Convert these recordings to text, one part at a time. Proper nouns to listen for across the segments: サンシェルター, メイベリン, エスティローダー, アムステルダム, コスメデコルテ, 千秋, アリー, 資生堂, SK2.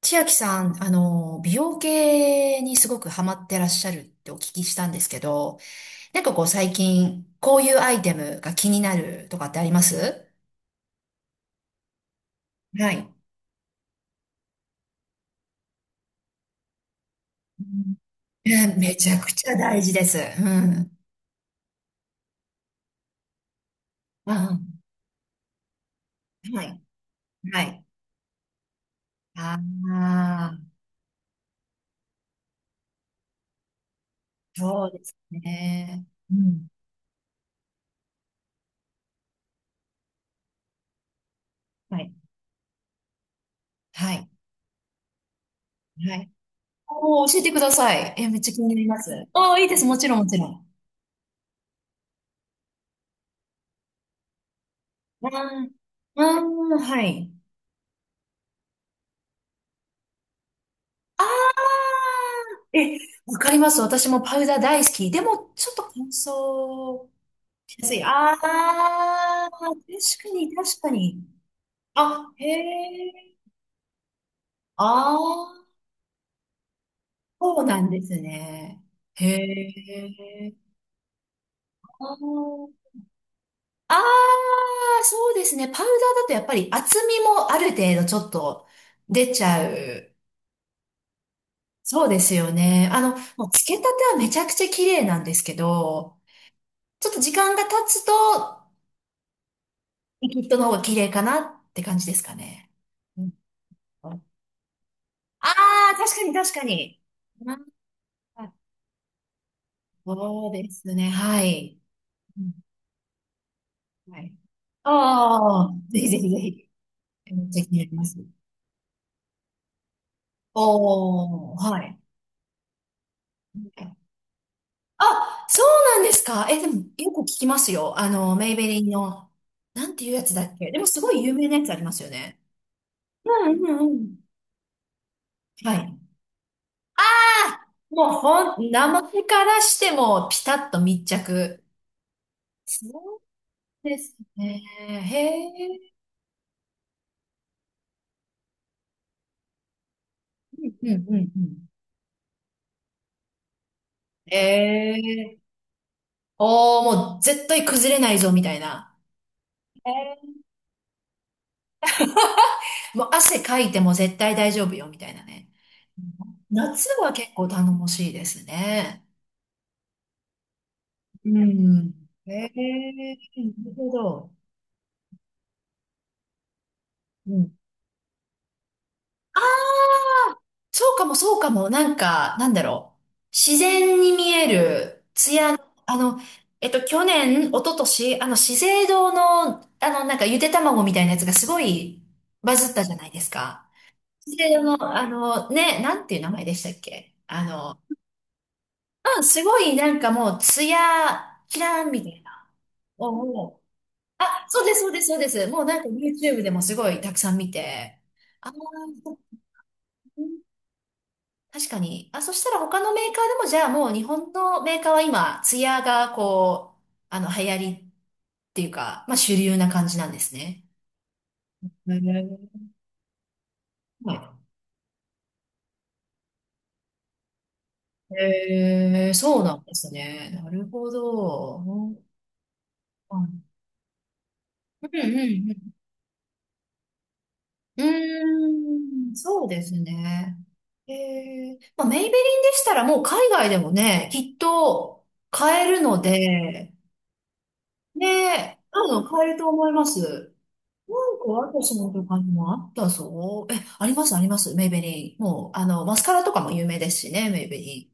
千秋さん、美容系にすごくハマってらっしゃるってお聞きしたんですけど、なんかこう最近、こういうアイテムが気になるとかってあります？はい。うん。えーめちゃくちゃ大事です。うん。あ、はい。はい。ああ、そうですね。うん。はい。はい。はい。おー、教えてください。えー、めっちゃ気になります。おー、いいです。もちろん、もちろん。あー、あー、はい。ああ、え、わかります。私もパウダー大好き。でも、ちょっと乾燥しやすい。ああ、確かに、確かに。あ、へえ。ああ、そうなんですね。へえ。あー、あー、そうですね。パウダーだとやっぱり厚みもある程度ちょっと出ちゃう。そうですよね。もうつけたてはめちゃくちゃ綺麗なんですけど、ちょっと時間が経つときっとの方が綺麗かなって感じですかね。うん、ああ、確かに確かに。なんかそうですね。はい。うん。はい。ああ、ぜひぜひぜひ。めっちゃ気になります。おー、はい。あ、そうなんですか？え、でも、よく聞きますよ。あの、メイベリンの、なんていうやつだっけ。でも、すごい有名なやつありますよね。うんうんうん。はい。ああもう、ほん、名前からしても、ピタッと密着。そうですね。へえ。うんうんうん。ええ。おー、もう絶対崩れないぞ、みたいな。へえ。もう汗かいても絶対大丈夫よ、みたいなね。夏は結構頼もしいですね。うん。ええ、なるほど。うん。あ、そうかもそうかも、なんか、なんだろう。自然に見える、艶の、あの、去年、一昨年、あの、資生堂の、あの、なんか、ゆで卵みたいなやつがすごいバズったじゃないですか。資生堂の、あの、ね、なんていう名前でしたっけあの、うん、すごい、なんかもう、艶、キラーンみたいな。おう、あ、そうです、そうです、そうです。もうなんか YouTube でもすごいたくさん見て。ああ、確かに。あ、そしたら他のメーカーでも、じゃあもう日本のメーカーは今、ツヤがこう、あの、流行りっていうか、まあ主流な感じなんですね。へー、はい。えー、そうなんですね。なるほど。うんうんうんうん。うーん、そうですね。えー、まあ、メイベリンでしたらもう海外でもね、きっと買えるので、ね、多分買えると思います。なんかアトスのとかにもあったぞ。え、ありますあります、メイベリー。もう、あの、マスカラとかも有名ですしね、メイベリ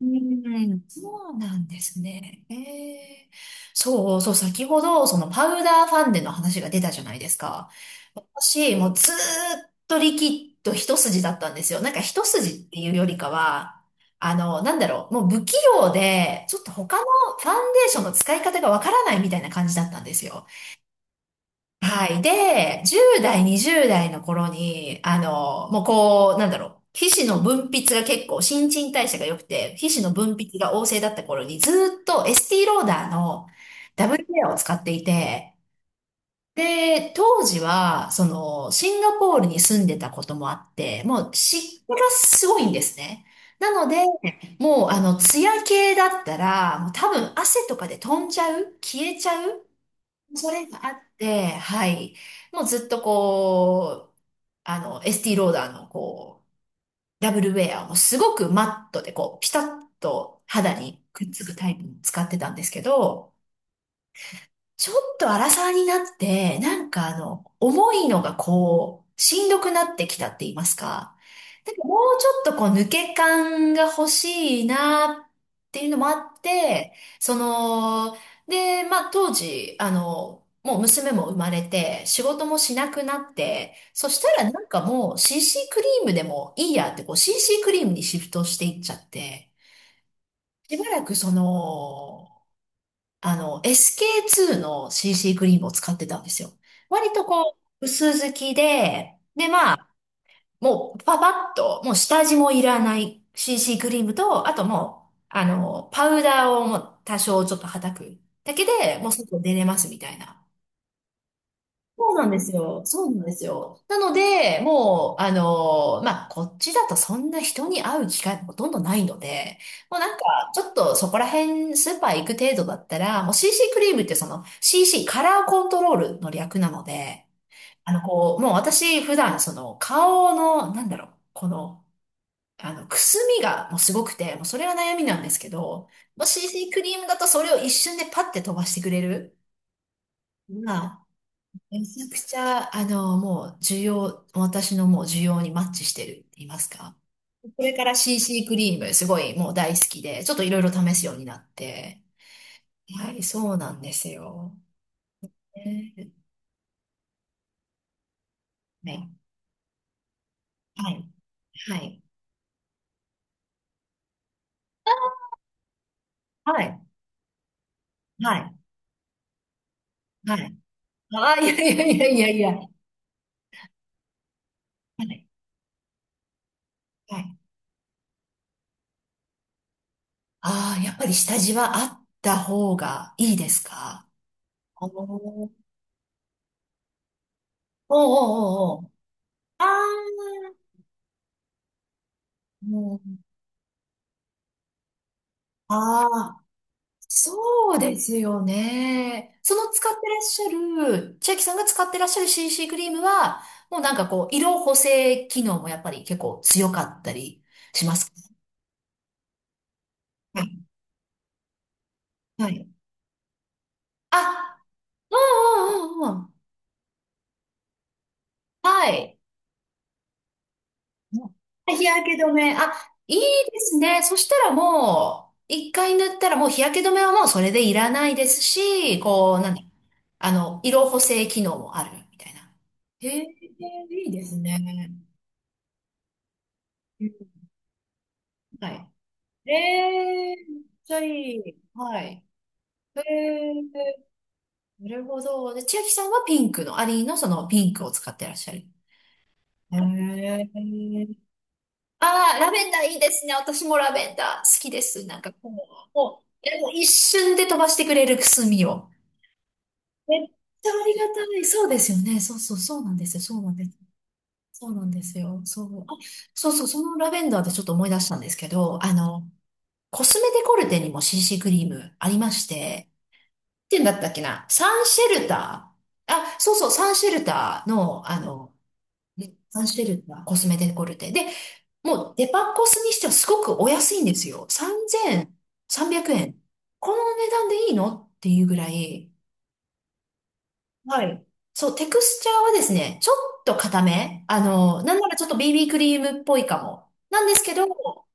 ー。うん、そうなんですね。えー、そうそう、先ほど、そのパウダーファンデの話が出たじゃないですか。私、もうずーっとリキッド一筋だったんですよ。なんか一筋っていうよりかは、あの、なんだろう、もう不器用で、ちょっと他のファンデーションの使い方がわからないみたいな感じだったんですよ。はい。で、10代、20代の頃に、あの、もうこう、なんだろう。皮脂の分泌が結構、新陳代謝が良くて、皮脂の分泌が旺盛だった頃に、ずーっとエスティローダーのダブルケアを使っていて、で、当時は、その、シンガポールに住んでたこともあって、もう湿気がすごいんですね。なので、もう、あの、ツヤ系だったら、もう多分汗とかで飛んじゃう消えちゃうそれがあって、はい。もうずっとこう、あの、エスティローダーのこう、ダブルウェアもすごくマットでこう、ピタッと肌にくっつくタイプを使ってたんですけど、ちょっと荒さになって、なんかあの、重いのがこう、しんどくなってきたって言いますか。なんかもうちょっとこう、抜け感が欲しいなっていうのもあって、その、で、まあ当時、あの、もう娘も生まれて、仕事もしなくなって、そしたらなんかもう CC クリームでもいいやって、こう CC クリームにシフトしていっちゃって、しばらくその、あの、SK2 の CC クリームを使ってたんですよ。割とこう、薄付きで、もうパパッと、もう下地もいらない CC クリームと、あともう、あの、パウダーをもう多少ちょっと叩くだけで、もう外出れますみたいな。そうなんですよ。そうなんですよ。なので、もう、あのーまあ、こっちだとそんな人に会う機会もほとんどないので、もうなんか、ちょっとそこら辺スーパー行く程度だったら、もう CC クリームってその CC、カラーコントロールの略なので、あの、こう、もう私普段その顔の、なんだろう、この、あの、くすみがもうすごくて、もうそれが悩みなんですけど、もう CC クリームだとそれを一瞬でパッて飛ばしてくれる。まあめちゃくちゃ、あの、もう、需要、私のもう需要にマッチしてるって言いますか。これから CC クリーム、すごいもう大好きで、ちょっといろいろ試すようになって。はい、そうなんですよ。ね、はい、はい、はい、はい、はい、はい。あー、いやいやいやいやいや。はい、はい。ああ、やっぱり下地はあった方がいいですか？おーおーおーおーおー。ああ、もう、ああ、そうですよね。その使ってらっしゃる、千秋さんが使ってらっしゃる CC クリームは、もうなんかこう、色補正機能もやっぱり結構強かったりしますか？はい。はい。あ、うんうんうんうん。はい。日焼け止め。あ、いいですね。そしたらもう、一回塗ったらもう日焼け止めはもうそれでいらないですし、こう、何あの、色補正機能もあるみたいな。へえ、いいですね。はい。ええーめっちゃいい。はい。ええー、なるほど。で、千秋さんはピンクの、アリーのそのピンクを使ってらっしゃる。ええー、ああ、ラベンダーいいですね。私もラベンダー好きです。なんかこう、もう、えもう一瞬で飛ばしてくれるくすみを。めっちゃありがたい。そうですよね。そうそう、そうなんですよ。そうなんです。そうなんですよ。そう。あ、そうそう、そのラベンダーでちょっと思い出したんですけど、あの、コスメデコルテにも CC クリームありまして、て言うんだったっけなサンシェルターあ、そうそう、サンシェルターの、あの、ねサンシェルター、コスメデコルテ。で、もうデパコスにしてはすごくお安いんですよ。3300円。この値段でいいのっていうぐらい、はい。そう、テクスチャーはですね、ちょっと硬め。あの、なんならちょっと BB クリームっぽいかも。なんですけど、こ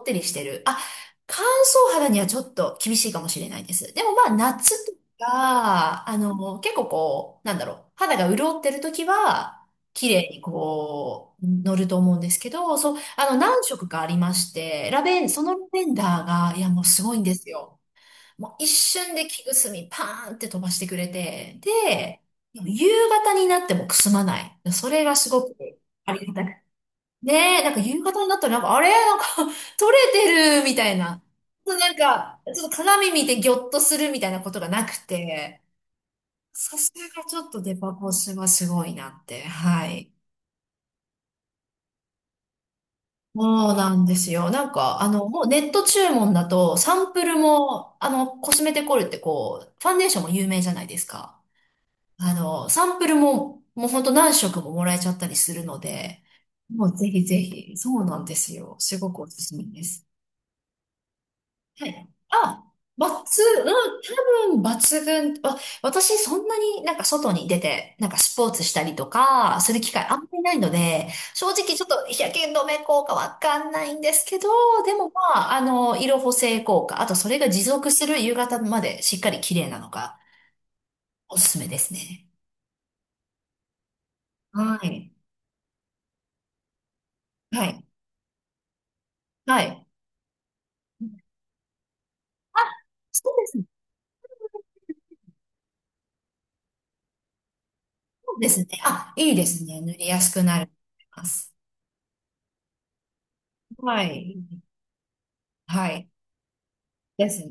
ってりしてる。あ、乾燥肌にはちょっと厳しいかもしれないです。でもまあ、夏とか、あの、結構こう、なんだろう、肌が潤ってる時は、綺麗にこう、乗ると思うんですけど、そう、あの、何色かありまして、ラベン、そのラベンダーが、いや、もうすごいんですよ。もう一瞬で木くすみパーンって飛ばしてくれて、で、夕方になってもくすまない。それがすごくありがたく。ねえ、なんか夕方になったらなんか、あれなんか 取れてるみたいな。なんか、ちょっと鏡見てギョッとするみたいなことがなくて、さすがちょっとデパコスはすごいなって。はい。そうなんですよ。なんか、あの、もうネット注文だと、サンプルも、あの、コスメデコルってこう、ファンデーションも有名じゃないですか。あの、サンプルも、もうほんと何色ももらえちゃったりするので、もうぜひぜひ、そうなんですよ。すごくおすすめです。はい。あ、抜群、うん、多分抜群。わ私そんなになんか外に出て、なんかスポーツしたりとか、する機会あんまりないので、正直ちょっと日焼け止め効果わかんないんですけど、でもまあ、あの、色補正効果、あとそれが持続する夕方までしっかり綺麗なのがおすすめですね。はい。はい。はい。あ、そうですね。そうですね。あ、いいですね。塗りやすくなると思います。はい。はい。ですね。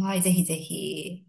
はい。ぜひぜひ。